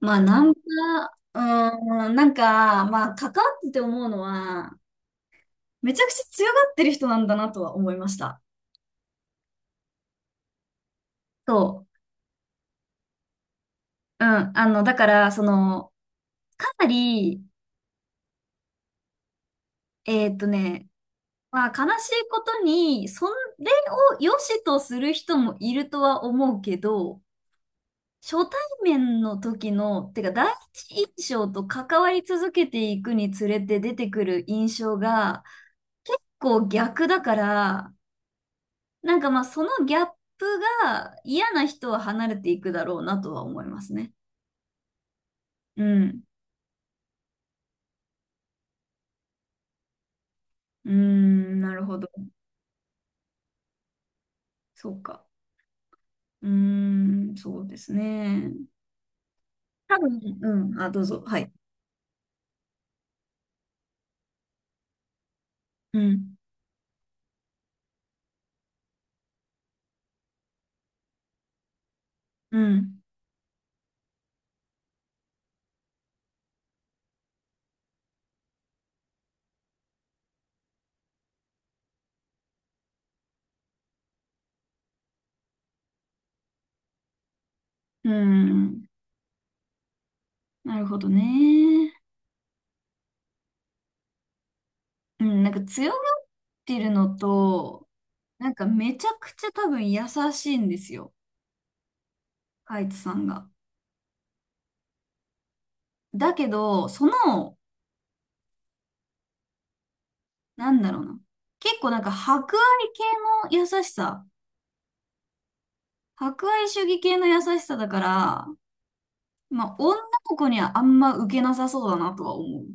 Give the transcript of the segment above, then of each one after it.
まあ、ナンパ、関わってて思うのは、めちゃくちゃ強がってる人なんだなとは思いました。そう。うん。だから、かなり、えーっとね、まあ、悲しいことに、それを良しとする人もいるとは思うけど、初対面の時の、てか、第一印象と関わり続けていくにつれて出てくる印象が、結構逆だから、そのギャップが嫌な人は離れていくだろうなとは思いますね。うん。うーん、なるほど。そうか。うーん、そうですね。多分、うん、あ、どうぞ。はい。うん、うん、うん。なるほどね。うん、なんか強がってるのと、めちゃくちゃ多分優しいんですよ。カイツさんが。だけど、なんだろうな。結構博愛系の優しさ。博愛主義系の優しさだから、まあ、女の子にはあんま受けなさそうだなとは思う。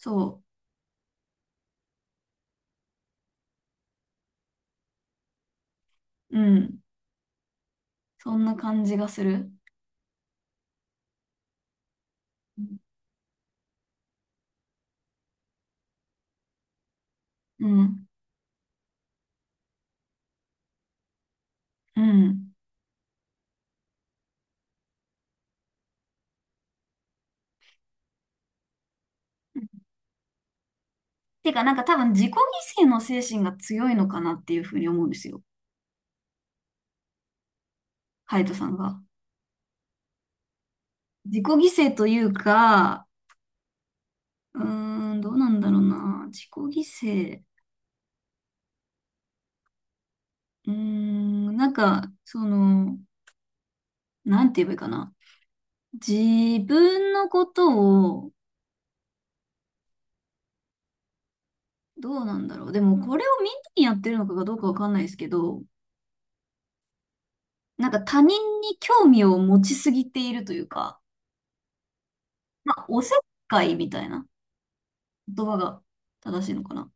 そう。うん。そんな感じがする。うん。うん。てか、なんか多分自己犠牲の精神が強いのかなっていうふうに思うんですよ。ハヤトさんが。自己犠牲というか、うーん、どうなんだろうな。自己犠牲。うーん、なんか、その、なんて言えばいいかな。自分のことをどうなんだろう。でも、これをみんなにやってるのかどうかわかんないですけど、なんか他人に興味を持ちすぎているというか、まあ、おせっかいみたいな言葉が正しいのかな。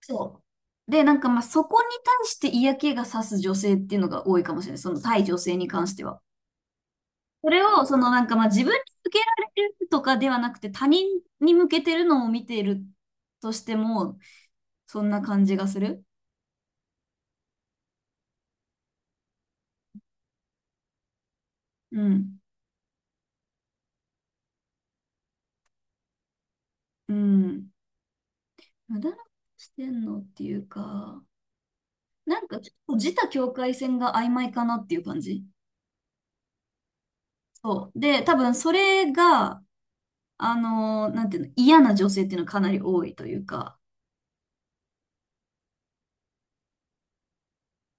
そう。で、そこに対して嫌気がさす女性っていうのが多いかもしれない。その対女性に関しては。それを、自分に向けられるとかではなくて、他人に向けてるのを見ているとしても、そんな感じがする。うん。うん。なだらかにしてんのっていうか、なんかちょっと自他境界線が曖昧かなっていう感じ。そう。で、多分それが、なんていうの、嫌な女性っていうのはかなり多いというか、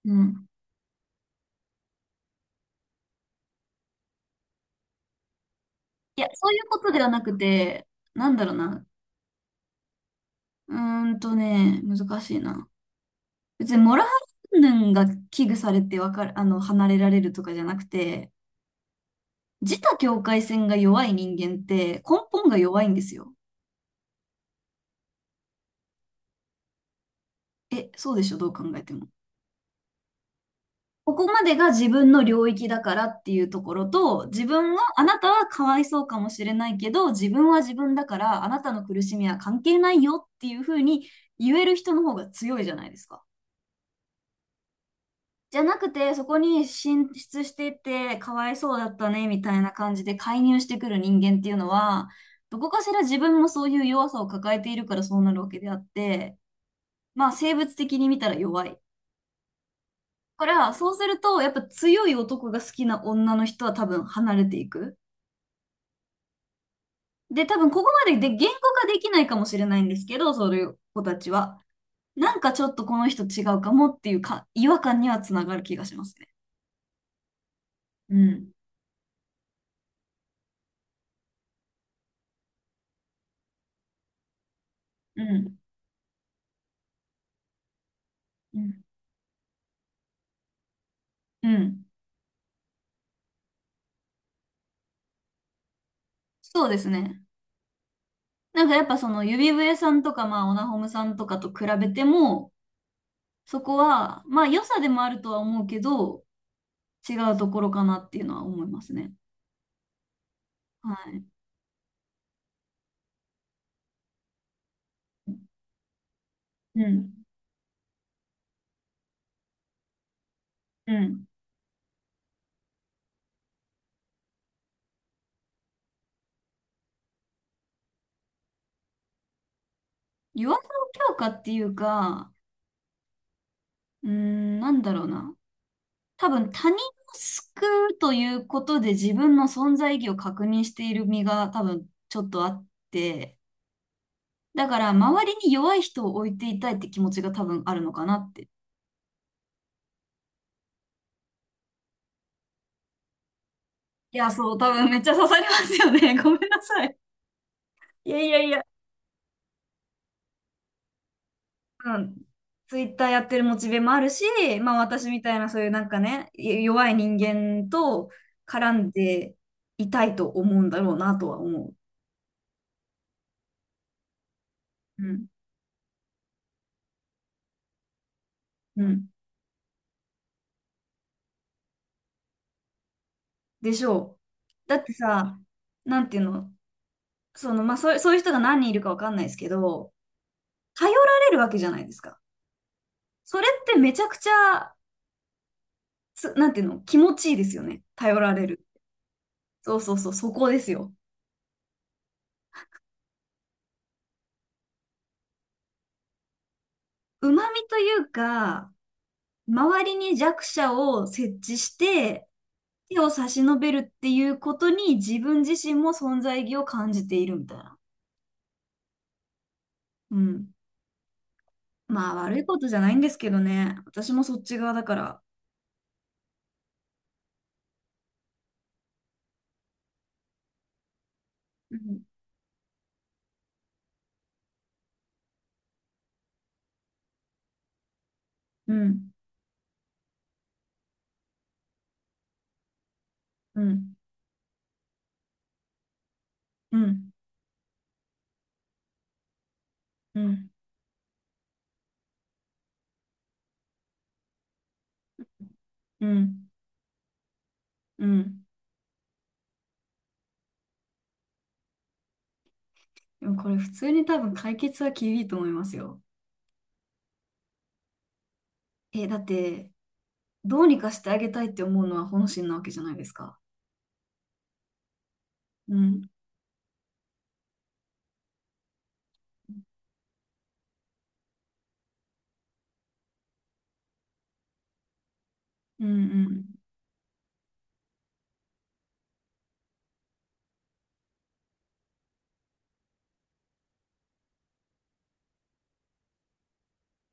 うん。いや、そういうことではなくて、なんだろうな。うーんとね、難しいな。別にモラハラ云々が危惧されてわかる、離れられるとかじゃなくて、自他境界線が弱い人間って根本が弱いんですよ。え、そうでしょ、どう考えても。ここまでが自分の領域だからっていうところと、自分が、あなたはかわいそうかもしれないけど、自分は自分だから、あなたの苦しみは関係ないよっていうふうに言える人の方が強いじゃないですか。じゃなくて、そこに進出していって、かわいそうだったね、みたいな感じで介入してくる人間っていうのは、どこかしら自分もそういう弱さを抱えているからそうなるわけであって、まあ生物的に見たら弱い。から、そうすると、やっぱ強い男が好きな女の人は多分離れていく。で、多分ここまでで言語化できないかもしれないんですけど、そういう子たちは。なんかちょっとこの人違うかもっていうか、違和感にはつながる気がしますね。うん。うん。うん。うんそうですね。やっぱ指笛さんとか、まあオナホムさんとかと比べても、そこは、まあ良さでもあるとは思うけど、違うところかなっていうのは思いますね。はい。うん。うん。弱さの強化っていうか、なんだろうな。多分他人を救うということで自分の存在意義を確認している身が多分ちょっとあって、だから周りに弱い人を置いていたいって気持ちが多分あるのかなって。いや、そう、多分めっちゃ刺さりますよね。ごめんなさい。いやいやいや。うん。ツイッターやってるモチベもあるし、私みたいなそういうなんかね、弱い人間と絡んでいたいと思うんだろうなとは思う。うんうん。でしょう。だってさ、なんていうの、そうそういう人が何人いるかわかんないですけど、頼られるわけじゃないですか。それってめちゃくちゃ、なんていうの、気持ちいいですよね。頼られる。そうそうそう、そこですよ。旨味というか、周りに弱者を設置して、手を差し伸べるっていうことに自分自身も存在意義を感じているみたいな。うん。まあ悪いことじゃないんですけどね。私もそっち側だから。うん。うんうん、うん、うん、うん、うん。でもこれ普通に多分解決は厳しいと思いますよ。え、だって、どうにかしてあげたいって思うのは本心なわけじゃないですか。うん、うん、うん、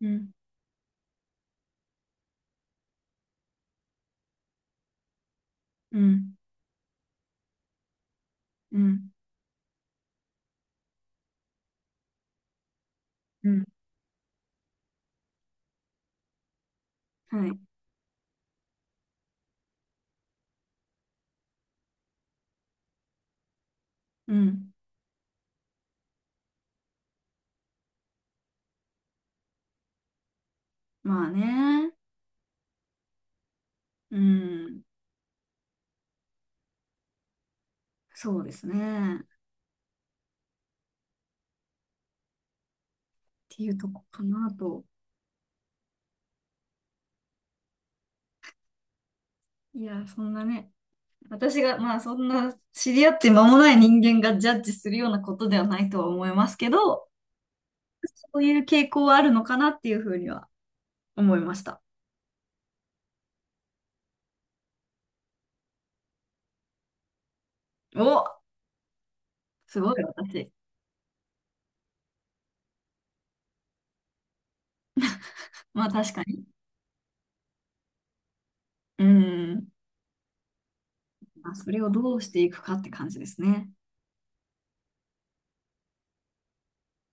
うん、うん、うん、うん。はい、うん。まあね、うん、そうですね。っていうとこかなと。いや、そんなね、私が、まあそんな知り合って間もない人間がジャッジするようなことではないとは思いますけど、そういう傾向はあるのかなっていうふうには思いました。お、すごい私。まあ確かに。うん。まあそれをどうしていくかって感じですね。